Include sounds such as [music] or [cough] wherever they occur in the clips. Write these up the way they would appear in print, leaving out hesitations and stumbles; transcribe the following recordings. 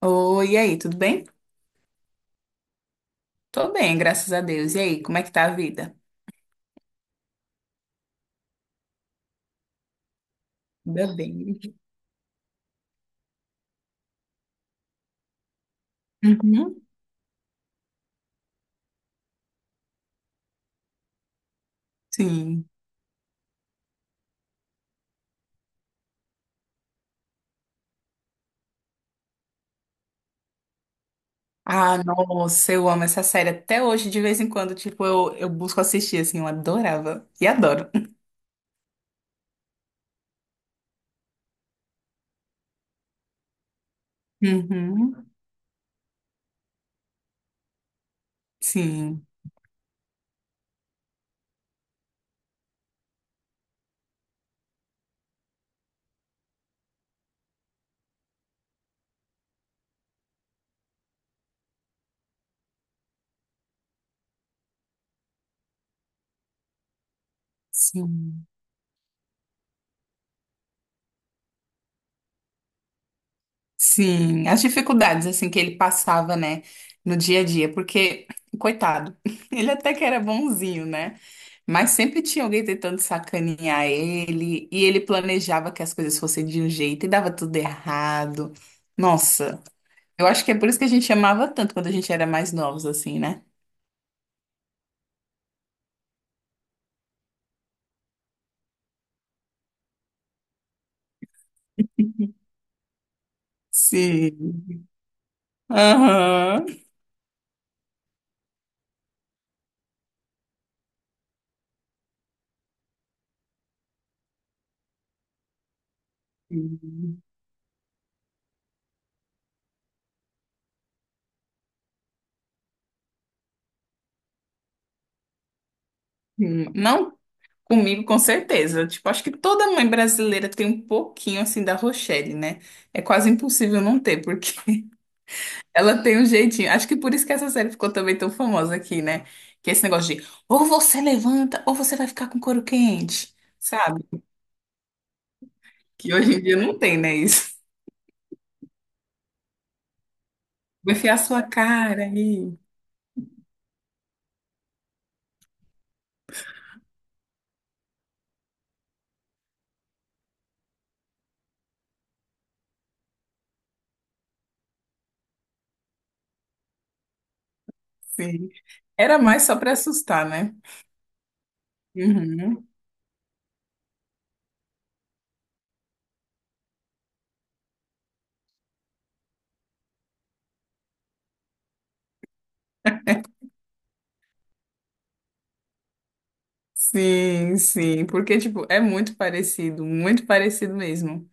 Oi, e aí, tudo bem? Tô bem, graças a Deus. E aí, como é que tá a vida? Ainda bem. Uhum. Sim. Ah, nossa, eu amo essa série até hoje, de vez em quando, tipo, eu busco assistir, assim, eu adorava. E adoro. Uhum. Sim, sim. Sim, as dificuldades assim que ele passava, né, no dia a dia, porque coitado, [laughs] ele até que era bonzinho, né? Mas sempre tinha alguém tentando sacanear ele, e ele planejava que as coisas fossem de um jeito e dava tudo errado. Nossa, eu acho que é por isso que a gente amava tanto quando a gente era mais novos assim, né? Sim. Aham. Sim. Não. Comigo, com certeza. Tipo, acho que toda mãe brasileira tem um pouquinho assim da Rochelle, né? É quase impossível não ter, porque [laughs] ela tem um jeitinho. Acho que por isso que essa série ficou também tão famosa aqui, né? Que é esse negócio de ou você levanta ou você vai ficar com couro quente, sabe? Que hoje em dia não tem, né? Isso. [laughs] Vai enfiar a sua cara aí. Sim. Era mais só pra assustar, né? Uhum. Sim, sim. Porque, tipo, é muito parecido mesmo.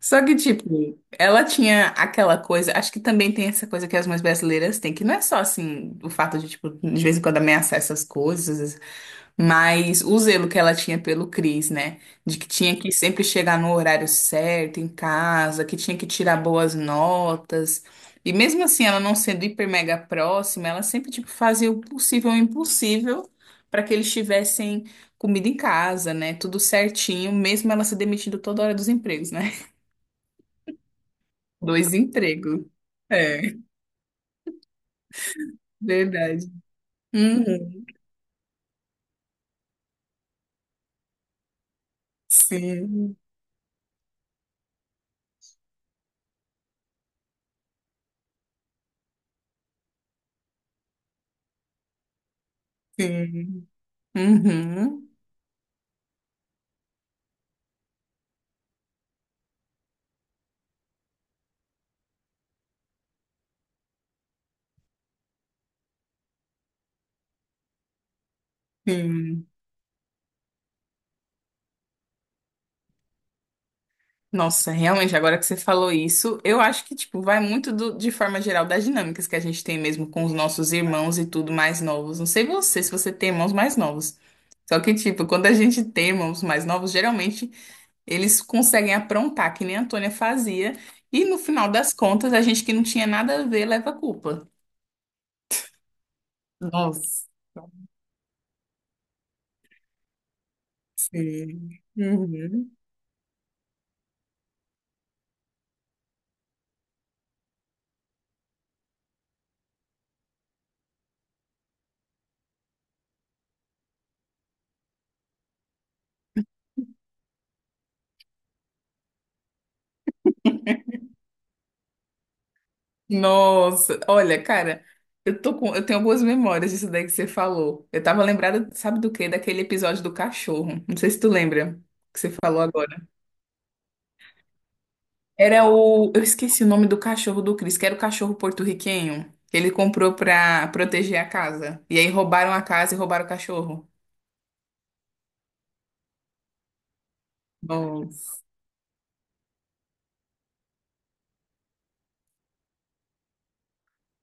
Só que, tipo, ela tinha aquela coisa, acho que também tem essa coisa que as mães brasileiras têm, que não é só assim, o fato de, tipo, de vez em quando ameaçar essas coisas, mas o zelo que ela tinha pelo Cris, né? De que tinha que sempre chegar no horário certo, em casa, que tinha que tirar boas notas. E mesmo assim, ela não sendo hiper mega próxima, ela sempre, tipo, fazia o possível e o impossível para que eles tivessem comida em casa, né? Tudo certinho, mesmo ela se demitindo toda hora dos empregos, né? Dois empregos. É, verdade. Uhum. Sim, sim. Uhum, sim. Nossa, realmente, agora que você falou isso, eu acho que, tipo, vai muito do- de forma geral das dinâmicas que a gente tem mesmo com os nossos irmãos e tudo mais novos. Não sei você, se você tem irmãos mais novos. Só que, tipo, quando a gente tem irmãos mais novos, geralmente eles conseguem aprontar, que nem a Antônia fazia, e no final das contas, a gente que não tinha nada a ver leva a culpa. Nossa. Sim. Uhum. Nossa, olha, cara, eu tenho algumas memórias disso daí que você falou. Eu tava lembrada, sabe do quê? Daquele episódio do cachorro. Não sei se tu lembra que você falou agora. Era o, eu esqueci o nome do cachorro do Chris, que era o cachorro porto-riquenho que ele comprou pra proteger a casa. E aí roubaram a casa e roubaram o cachorro. Nossa.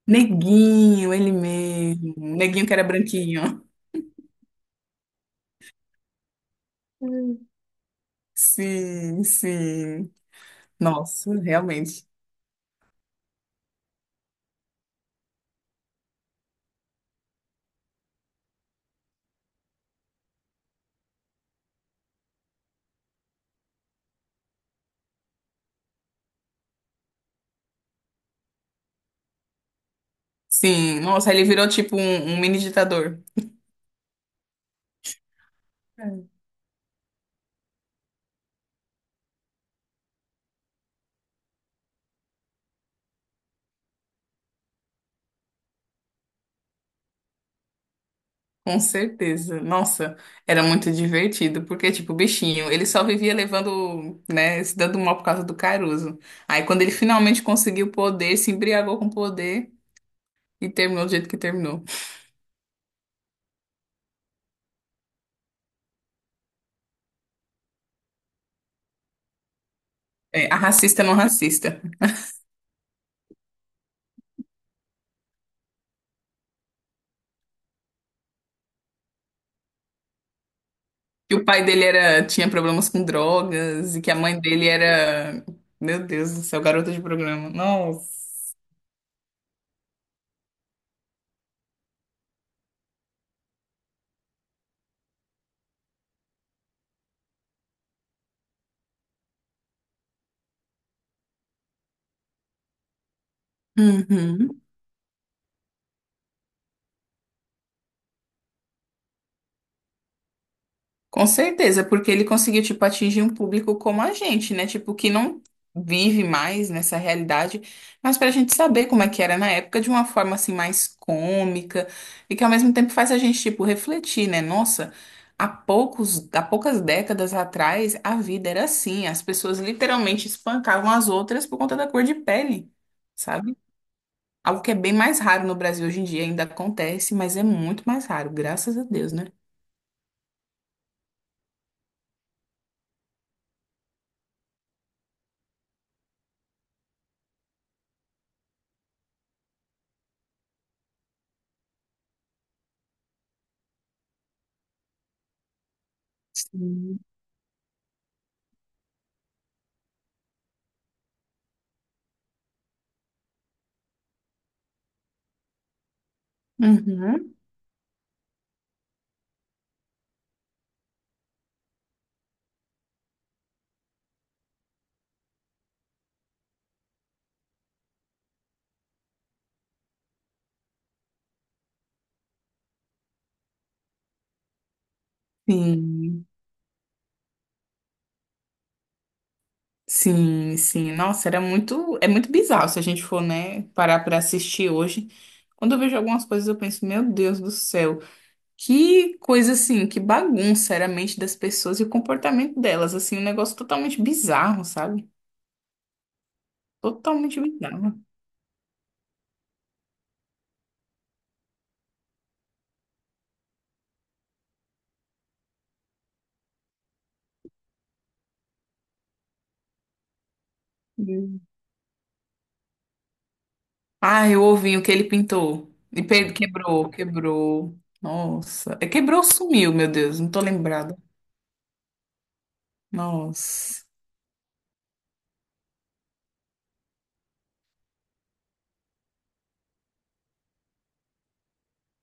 Neguinho, ele mesmo. Neguinho que era branquinho. Hum. Sim, sim. Nossa, realmente. Sim, nossa, ele virou tipo um mini ditador. É. Com certeza. Nossa, era muito divertido, porque, tipo, o bichinho, ele só vivia levando, né, se dando mal por causa do Caruso. Aí, quando ele finalmente conseguiu o poder, se embriagou com o poder e terminou do jeito que terminou. É, a racista não racista. Que o pai dele era, tinha problemas com drogas e que a mãe dele era. Meu Deus do céu, garota de programa. Nossa. Uhum. Com certeza, porque ele conseguiu, tipo, atingir um público como a gente, né? Tipo, que não vive mais nessa realidade, mas pra gente saber como é que era na época de uma forma, assim, mais cômica e que ao mesmo tempo faz a gente, tipo, refletir, né? Nossa, há poucos, há poucas décadas atrás a vida era assim, as pessoas literalmente espancavam as outras por conta da cor de pele, sabe? Algo que é bem mais raro no Brasil hoje em dia, ainda acontece, mas é muito mais raro, graças a Deus, né? Sim. Uhum. Sim, sim, sim. Nossa, era muito, é muito bizarro se a gente for, né, parar para assistir hoje. Quando eu vejo algumas coisas, eu penso, meu Deus do céu, que coisa assim, que bagunça era a mente das pessoas e o comportamento delas, assim, um negócio totalmente bizarro, sabe? Totalmente bizarro. Hum. Ai, o ovinho que ele pintou e quebrou, quebrou. Nossa, é, quebrou, sumiu, meu Deus, não tô lembrada. Nossa.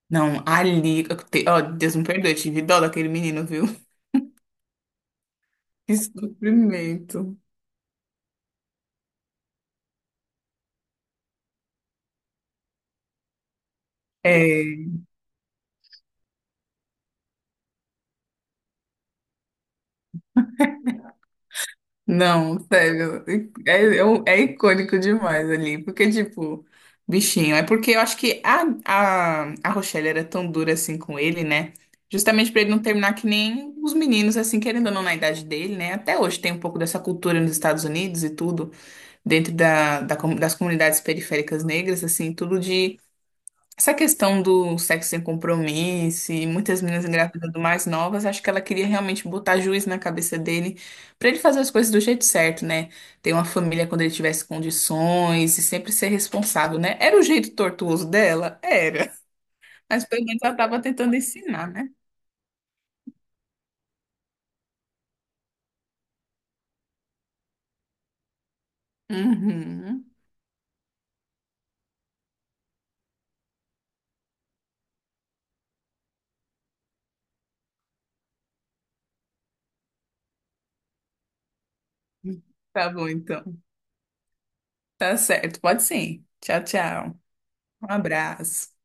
Não, ali. Ó, Deus me perdoe, eu tive dó daquele menino, viu? [laughs] Que sofrimento. É, não, sério. É, é, é icônico demais ali. Porque, tipo, bichinho. É porque eu acho que a Rochelle era tão dura assim com ele, né? Justamente pra ele não terminar que nem os meninos, assim, querendo ou não, na idade dele, né? Até hoje tem um pouco dessa cultura nos Estados Unidos e tudo, dentro das comunidades periféricas negras, assim, tudo de. Essa questão do sexo sem compromisso, e muitas meninas engravidando mais novas, acho que ela queria realmente botar juiz na cabeça dele, pra ele fazer as coisas do jeito certo, né? Ter uma família quando ele tivesse condições e sempre ser responsável, né? Era o jeito tortuoso dela? Era. Mas pelo menos ela tava tentando ensinar, né? Uhum. Tá bom, então. Tá certo. Pode sim. Tchau, tchau. Um abraço.